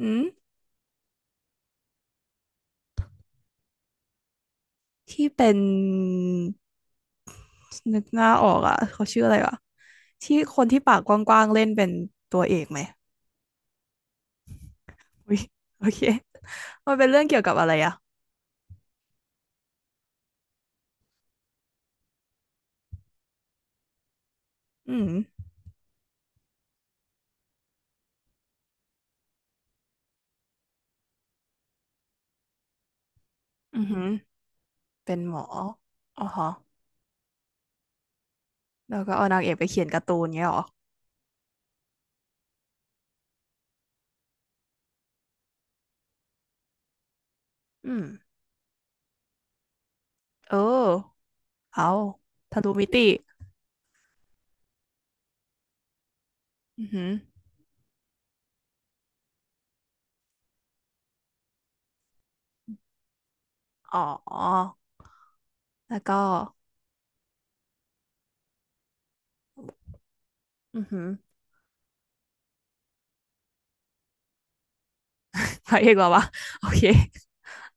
อืมที่เป็นนึกหน้าออกอ่ะเขาชื่ออะไรวะที่คนที่ปากกว้างๆเล่นเป็นตัวเอกไหมอุ้ยโอเคมันเป็นเรื่องเกี่ยวกับอะไรอ่ะอืมอือหือเป็นหมออ๋อฮะแล้วก็เอานางเอกไปเขียนการ์ตูนเงี้ยเหรออืมเออเอาทะลุมิติอือหืออ๋อแล้วก็อือหือพระเอกเหรอวะโอเค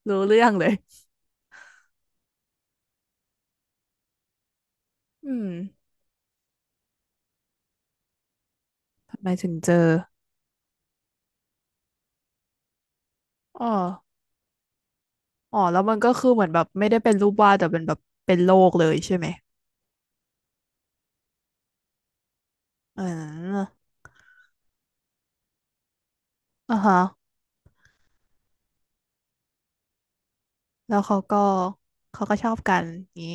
รู้เรื่องเลยอืมทำไมถึงเจออ๋อ อ๋อแล้วมันก็คือเหมือนแบบไม่ได้เป็นรูปวาดแต่เป็นแบบเป็นโลกเลยใช่ไหมอืาอ่าฮะแล้วเขาก็ชอบกันนี้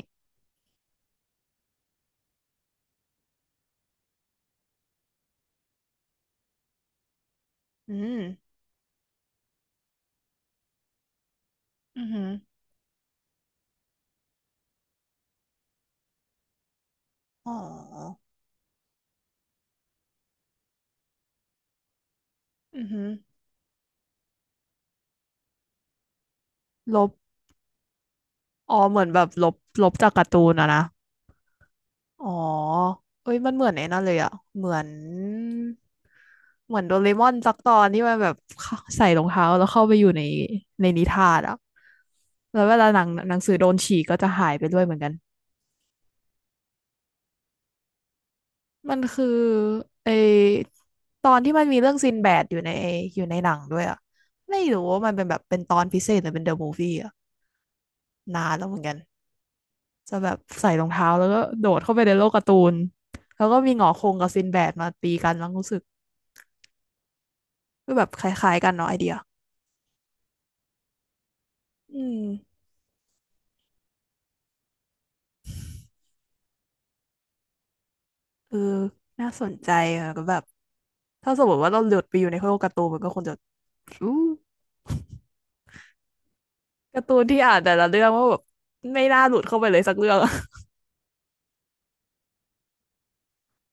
อืมอือหืออ๋ออือหือลบอ๋อเหมือนแบบลบจากการ์ตูนอะนะอ๋อเอ้ยมันเหมือนไอ้นั่นเลยอะเหมือนโดเรมอนสักตอนที่มันแบบเข้าใส่รองเท้าแล้วเข้าไปอยู่ในนิทานอะแล้วเวลาหนังหนังสือโดนฉีกก็จะหายไปด้วยเหมือนกัน มันคือไอตอนที่มันมีเรื่องซินแบดอยู่ในหนังด้วยอ่ะไม่รู้ว่ามันเป็นแบบเป็นตอนพิเศษหรือเป็นเดอะมูฟวี่อ่ะนานแล้วเหมือนกันจะแบบใส่รองเท้าแล้วก็โดดเข้าไปในโลกการ์ตูนแล้วก็มีหงอคงกับซินแบดมาตีกันแล้วรู้สึกก็แบบคล้ายๆกันเนาะไอเดียอืมเออน่าสนใจอ่ะก็แบบถ้าสมมติว่าเราหลุดไปอยู่ในโลกการ์ตูนมันก็คงจะอู้การ์ตูนที่อ่านแต่ละเรื่องว่าแบบไม่น่าหลุดเข้าไปเลยสักเรื่อง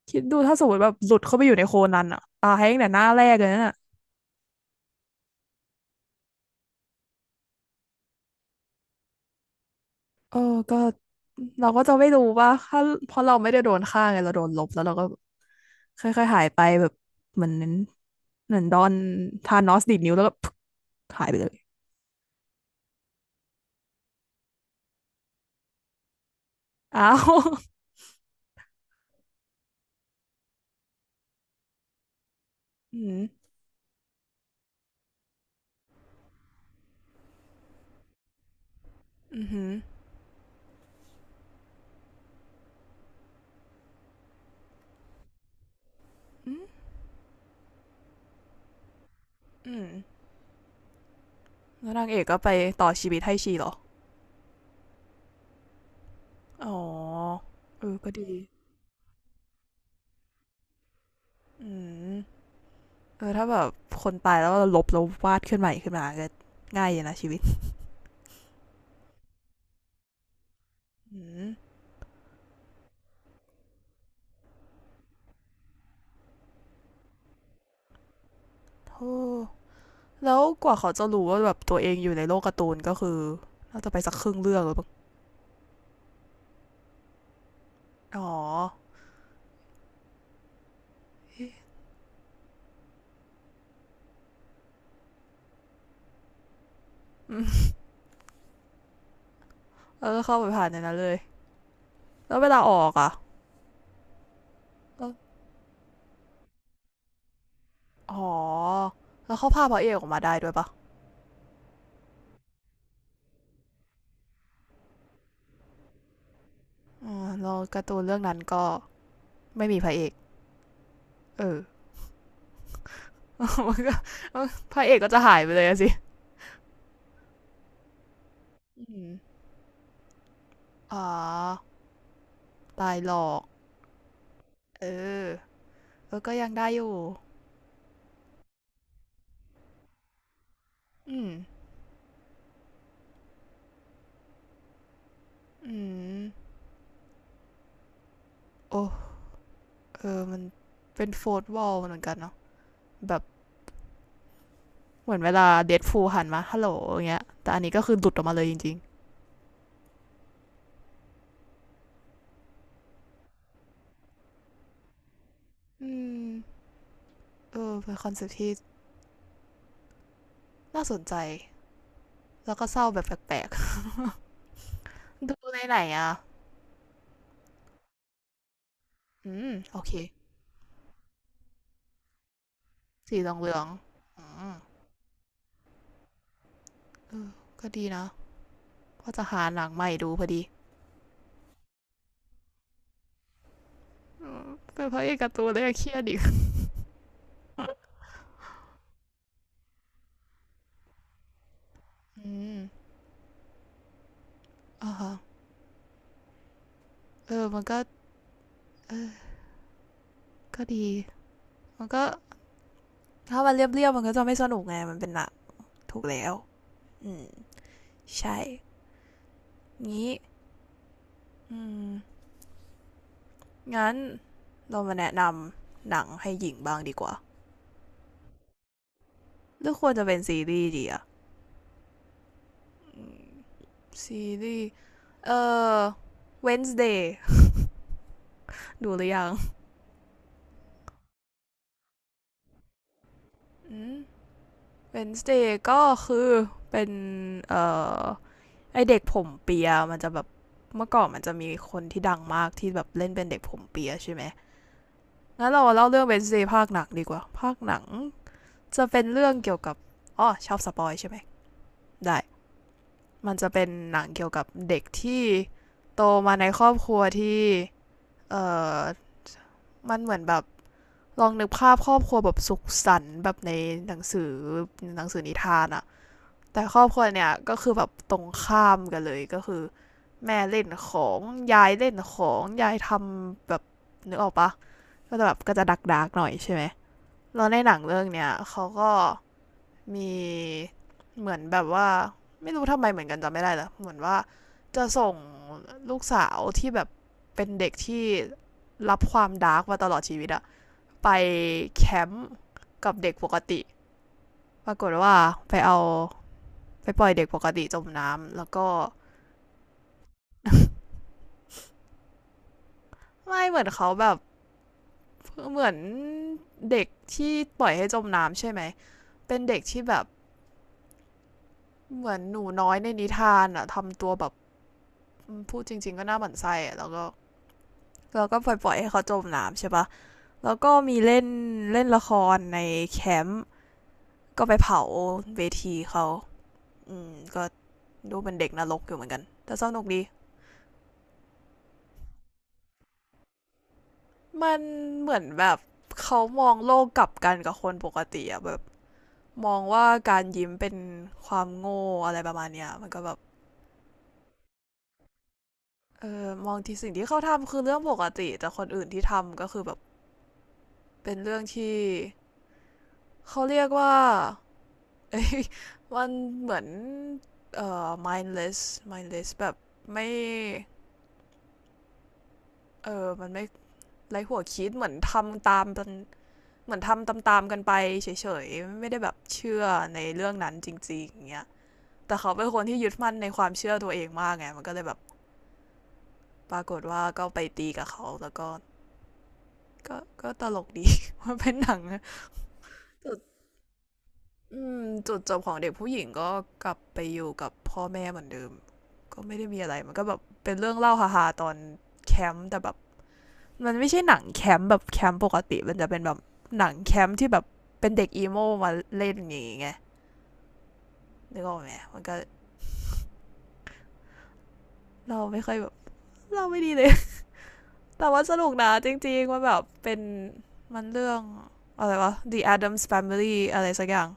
คิดดูถ้าสมมติแบบหลุดเข้าไปอยู่ในโคนันอะตายตั้งแต่หน้าแรกเลยนั่นอะเออก็เราก็จะไม่รู้ว่าถ้าเพราะเราไม่ได้โดนฆ่าไงเราโดนลบแล้วเราก็ค่อยๆหายไปแบบเหมือนดอนทานอสดีดนิ้วแล้วก็ พึกหายไปเลยอ้าวอืมอืมอหืออืมแล้วนางเอกก็ไปต่อชีวิตให้ชีเหรออ๋อเออก็ดีอืมเออถ้าแบบคนตายแล้วเราลบแล้ววาดขึ้นใหม่ขึ้นมาก็ง่ายอยู่นะชีวิตอืม โธ่แล้วกว่าเขาจะรู้ว่าแบบตัวเองอยู่ในโลกการ์ตูนก็คือน่าจะไปสักครึ่งเรื่องหรือเปล่าอ๋ออแล้วก็เข้าไปผ่านในนั้นเลยแล้วเวลาออกอ่ะอ๋อแล้วเขาพาพระเอกออกมาได้ด้วยปะอ๋อแล้วการ์ตูนเรื่องนั้นก็ไม่มีพระเอกเออ มันก็พระเอกก็จะหายไปเลยสิอ๋อตายหลอกเออแล้วก็ยังได้อยู่อืมอืมโอ้เออมันเป็นโฟร์ทวอลเหมือนกันเนาะแบบ เหมือนเวลาเดดฟูลหันมาฮัลโหลอย่างเงี้ยแต่อันนี้ก็คือหลุดออกมาเลยจริงๆอืมเออเป็นคอนเซ็ปต์ที่น่าสนใจแล้วก็เศร้าแบบแปลกๆดูในไหนอ่ะอืมโอเคสีเหลืองเหลืองๆเออก็ดีนะว่าจะหาหนังใหม่ดูพอดีเืมเป็นพระเอกการ์ตูนเลยเครียดอีกอืมอ่าฮะเออมันก็เออก็ดีมันก็ถ้ามันเรียบๆมันก็จะไม่สนุกไงมันเป็นหนักถูกแล้วอืมใช่งี้อืม งั้นเรามาแนะนำหนังให้หญิงบ้างดีกว่าหรือควรจะเป็นซีรีส์ดีอะซีรีส์เอ่อ Wednesday ดูหรือยังอืม Wednesday ก็คือเป็นเอ่อไอเด็กผมเปียมันจะแบบเมื่อก่อนมันจะมีคนที่ดังมากที่แบบเล่นเป็นเด็กผมเปียใช่ไหมงั้นเราเล่าเรื่อง Wednesday ภาคหนังดีกว่าภาคหนังจะเป็นเรื่องเกี่ยวกับอ๋อชอบสปอยใช่ไหมได้ มันจะเป็นหนังเกี่ยวกับเด็กที่โตมาในครอบครัวที่เอ่อมันเหมือนแบบลองนึกภาพครอบครัวแบบสุขสันต์แบบในหนังสือนิทานอะแต่ครอบครัวเนี่ยก็คือแบบตรงข้ามกันเลยก็คือแม่เล่นของยายเล่นของยายทำแบบนึกออกปะก็จะแบบก็จะดักดักๆหน่อยใช่ไหมแล้วในหนังเรื่องเนี้ยเขาก็ มีเหมือนแบบว่าไม่รู้ทำไมเหมือนกันจำไม่ได้แล้วเหมือนว่าจะส่งลูกสาวที่แบบเป็นเด็กที่รับความดาร์กมาตลอดชีวิตอะไปแคมป์กับเด็กปกติปรากฏว่าไปเอาไปปล่อยเด็กปกติจมน้ำแล้วก็ไม่เหมือนเขาแบบเหมือนเด็กที่ปล่อยให้จมน้ำใช่ไหมเป็นเด็กที่แบบเหมือนหนูน้อยในนิทานอะทำตัวแบบพูดจริงๆก็น่าหมั่นไส้อะแล้วก็ เราก็ปล่อยๆให้เขาจมน้ำใช่ปะแล้วก็มีเล่นเล่นละครในแคมป์ก็ไปเผาเวทีเขาอืมก็ดูเป็นเด็กนรกอยู่เหมือนกัน แต่สนุกดี มันเหมือนแบบเขามองโลกกลับกันกับคนปกติอะแบบมองว่าการยิ้มเป็นความโง่อะไรประมาณเนี้ยมันก็แบบเออมองที่สิ่งที่เขาทำคือเรื่องปกติแต่คนอื่นที่ทำก็คือแบบเป็นเรื่องที่เขาเรียกว่า เอ้ย มันเหมือนmindless mindless แบบไม่เออมันไม่ไรหัวคิดเหมือนทำตามกันเหมือนทำตามๆกันไปเฉยๆไม่ได้แบบเชื่อในเรื่องนั้นจริงๆอย่างเงี้ยแต่เขาเป็นคนที่ยึดมั่นในความเชื่อตัวเองมากไงมันก็เลยแบบปรากฏว่าก็ไปตีกับเขาแล้วก็ก็ก็ตลกดี มันเป็นหนังจุดจุดจบของเด็กผู้หญิงก็กลับไปอยู่กับพ่อแม่เหมือนเดิม ก็ไม่ได้มีอะไรมันก็แบบเป็นเรื่องเล่าฮาๆตอนแคมป์แต่แบบมันไม่ใช่หนังแคมป์แบบแคมป์ปกติมันจะเป็นแบบหนังแคมป์ที่แบบเป็นเด็กอีโมมาเล่นอย่างงี้ไงนึกออกไหมมันก็เราไม่ค่อยแบบเราไม่ดีเลย แต่ว่าสนุกนะจริงๆมันแบบเป็นมันเรื่องอะไรวะ The Adams Family อะไรสักอย่าง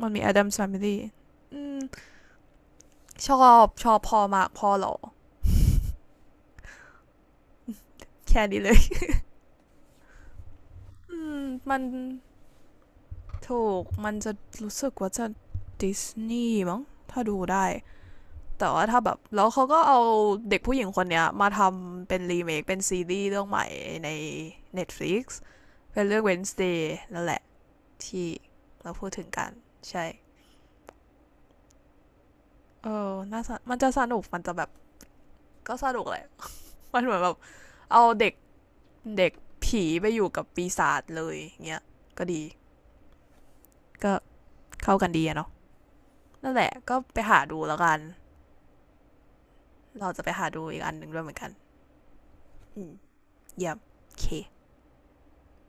มันมี Adams Family อืมชอบชอบพอมากพอเหรอ แค่นี้เลย อืมมัน ถูกมันจะรู้สึกว่าจะดิสนีย์มั้งถ้าดูได้ แต่ว่าถ้าแบบแล้วเขาก็เอาเด็กผู้หญิงคนเนี้ยมาทำเป็นรีเมคเป็นซีรีส์เรื่องใหม่ใน Netflix เป็นเรื่อง Wednesday นั่นแหละที่เราพูดถึงกันใช่ เออน่าสนกมันจะสนุก มันจะแบบ ก็สนุกแหละ มันเหมือนแบบ เอาเด็ก เด็กผีไปอยู่กับปีศาจเลยเงี้ยก็ดี ก็เข้ากันดีอะเนาะนั่นแหละก็ไปหาดูแล้วกันเราจะไปหาดูอีกอันหนึ่งด้วยเหมือนกัน อืมยับเค